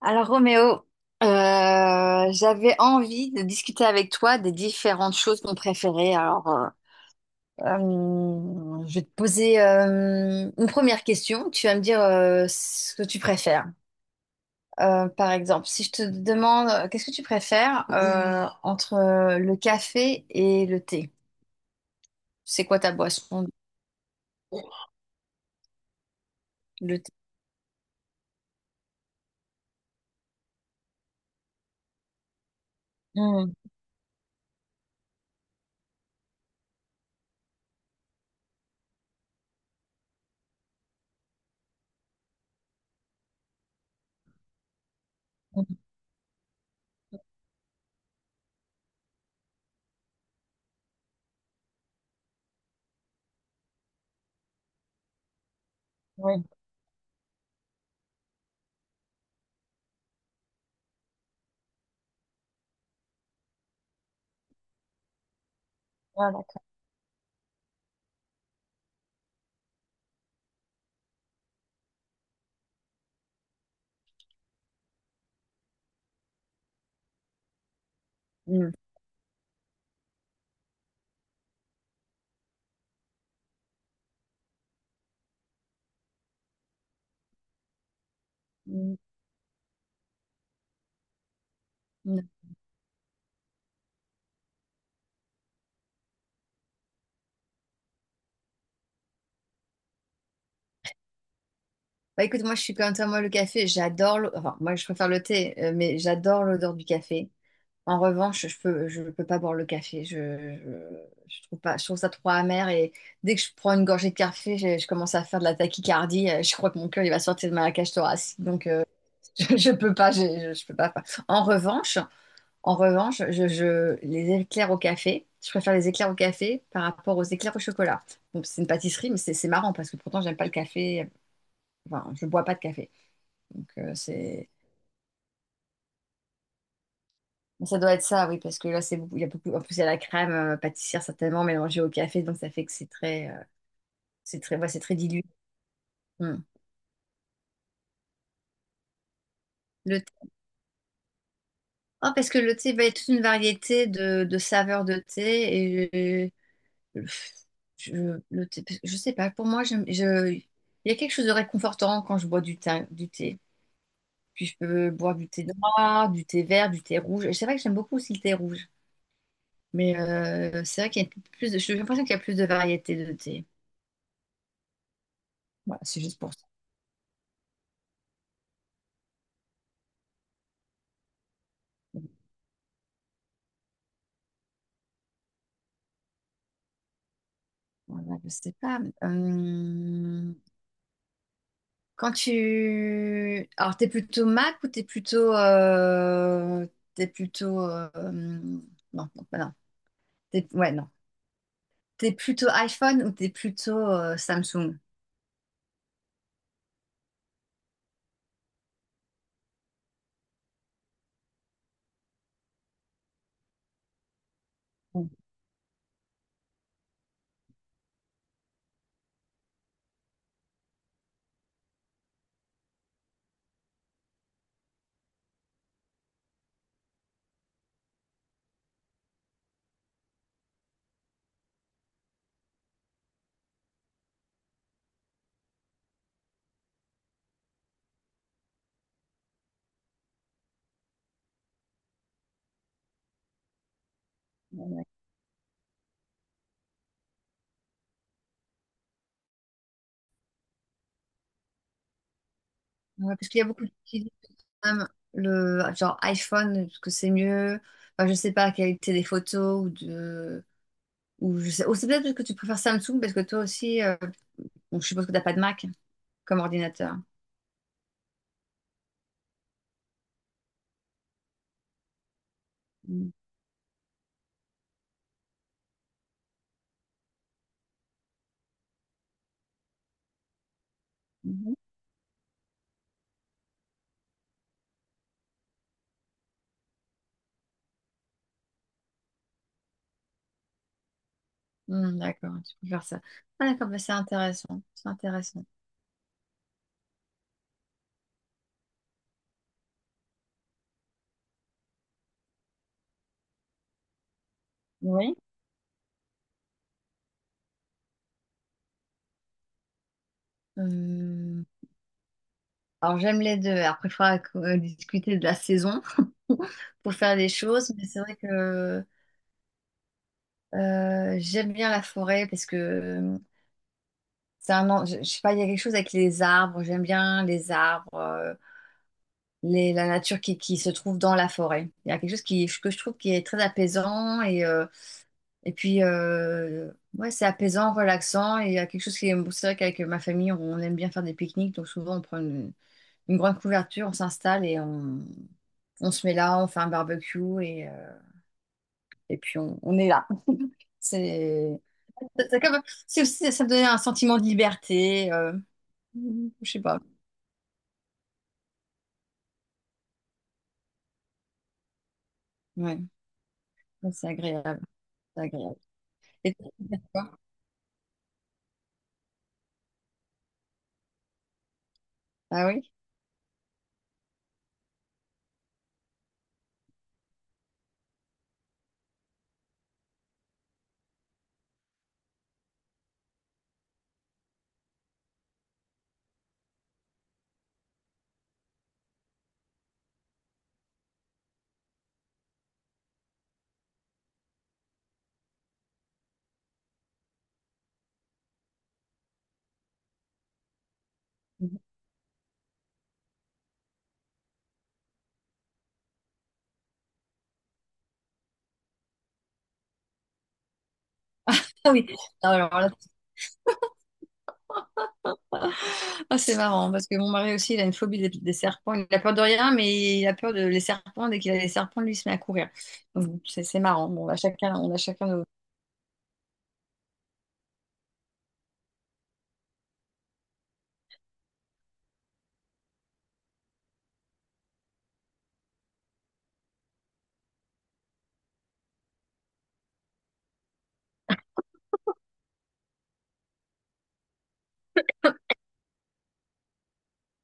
Alors Roméo, j'avais envie de discuter avec toi des différentes choses qu'on préférait. Alors, je vais te poser une première question. Tu vas me dire ce que tu préfères. Par exemple, si je te demande qu'est-ce que tu préfères entre le café et le thé? C'est quoi ta boisson? Le thé. Mm, mm, oui, ah, d'accord. Mm, mm, mm. Bah écoute, moi je suis comme toi, moi le café, j'adore, enfin moi je préfère le thé, mais j'adore l'odeur du café. En revanche, je peux pas boire le café, je trouve pas, je trouve ça trop amer et dès que je prends une gorgée de café, je commence à faire de la tachycardie, je crois que mon cœur il va sortir de ma cage thoracique, donc je peux pas, je peux pas. En revanche, en revanche, les éclairs au café, je préfère les éclairs au café par rapport aux éclairs au chocolat. Donc c'est une pâtisserie, mais c'est marrant parce que pourtant j'aime pas le café, enfin je bois pas de café. Donc, c'est... Ça doit être ça, oui, parce que là, c'est beaucoup... il y a beaucoup... En plus, il y a la crème pâtissière certainement mélangée au café, donc ça fait que c'est très... ouais, c'est très dilué. Hmm. Le thé- Oh, parce que le thé, bah, il y a toute une variété de saveurs de thé. Et euh, je... Le thé... je sais pas, pour moi, il y a quelque chose de réconfortant quand je bois du thé. Du thé. Puis je peux boire du thé noir, du thé vert, du thé rouge. Et c'est vrai que j'aime beaucoup aussi le thé rouge. Mais c'est vrai qu'il y a plus de... J'ai l'impression qu'il y a plus de variétés de thé. Voilà, c'est juste pour ça. Voilà, je sais pas. Quand tu... Alors, t'es plutôt Mac ou t'es plutôt... T'es plutôt... Non, non, bah non. T'es- Ouais, non. t'es plutôt iPhone ou t'es plutôt Samsung? Ouais, parce qu'il y a beaucoup d'utilisateurs quand même le genre iPhone, parce que c'est mieux. Enfin, je sais pas la qualité des photos ou de... Ou je sais... Ou c'est peut-être parce que tu préfères Samsung parce que toi aussi... donc, je suppose que t'as pas de Mac comme ordinateur. Mm. Hmm, d'accord, tu peux faire ça. Ah, d'accord, bah, c'est intéressant. C'est intéressant. Oui. Euh, Alors, j'aime les deux. Après, il faudra discuter de la saison pour faire des choses. Mais c'est vrai que j'aime bien la forêt parce que je sais pas, il y a quelque chose avec les arbres. J'aime bien les arbres, les, la nature qui se trouve dans la forêt. Il y a quelque chose qui, que je trouve qui est très apaisant et ouais, c'est apaisant, relaxant. Et il y a quelque chose qui est... C'est vrai qu'avec ma famille, on aime bien faire des pique-niques. Donc souvent, on prend une grande couverture, on s'installe et on se met là, on fait un barbecue et, et puis on est là. C'est c'est comme... c'est aussi, ça me donnait un sentiment de liberté. Je sais pas. Ouais, ouais, c'est agréable. C'est agréable. Et toi, tu fais quoi? Ah oui? Ah oui. Alors là, ah, c'est marrant, parce que mon mari aussi, il a une phobie des serpents. Il a peur de rien, mais il a peur de les serpents. Dès qu'il a les serpents, lui, il se met à courir. Donc, c'est marrant. Bon, on a chacun nos...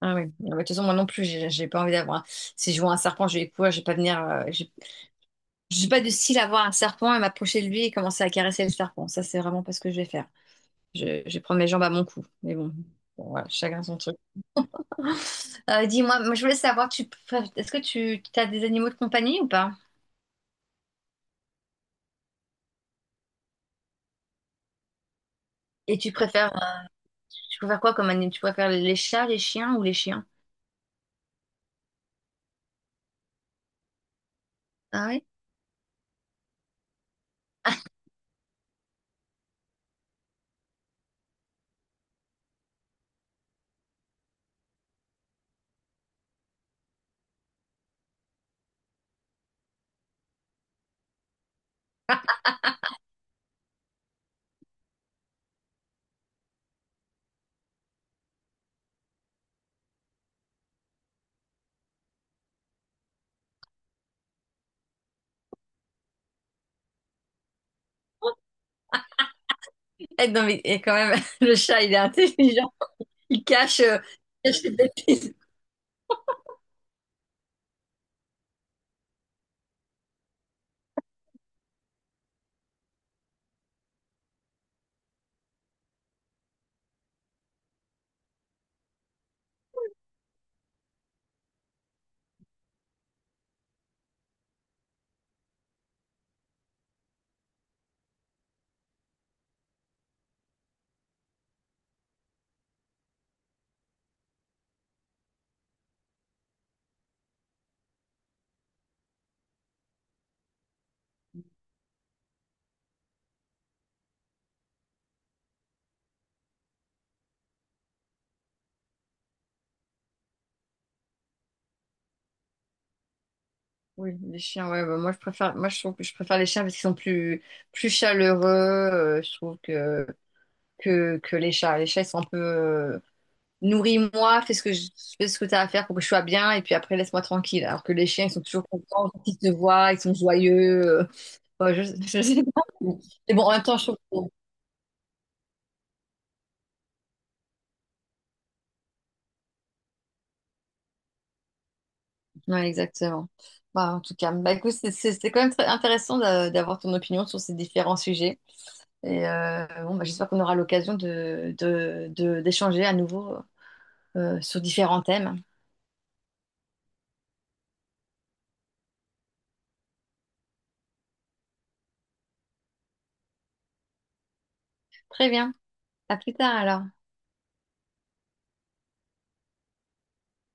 Ah oui. Ah, bah, de toute façon, moi non plus, j'ai pas envie d'avoir. Si je vois un serpent, je vais courir, je vais pas venir. Je suis pas du style à voir un serpent et m'approcher de lui et commencer à caresser le serpent. Ça, c'est vraiment pas ce que je vais faire. Je prends mes jambes à mon cou. Mais bon, voilà, chacun son truc. Dis-moi, moi, je voulais savoir, est-ce que tu as des animaux de compagnie ou pas? Et tu préfères... Tu préfères quoi comme animal? Tu préfères les chats, les chiens? Ah ouais? Eh, non, mais eh, quand même, le chat, il est intelligent. Il cache, euh, il cache les bêtises. Oui, les chiens, ouais, bah, moi je trouve que je préfère les chiens parce qu'ils sont plus, plus chaleureux, je trouve que les chats. Les chats, ils sont un peu, nourris-moi, fais ce que t'as à faire pour que je sois bien, et puis après laisse-moi tranquille. Alors que les chiens, ils sont toujours contents, quand ils te voient, ils sont joyeux. euh, bah, je sais pas. Mais bon, en même temps, je trouve que... Ouais, exactement. Bah, en tout cas, bah, écoute, c'était quand même très intéressant d'avoir ton opinion sur ces différents sujets. Et bon, bah, j'espère qu'on aura l'occasion de, de d'échanger à nouveau sur différents thèmes. Très bien. À plus tard alors.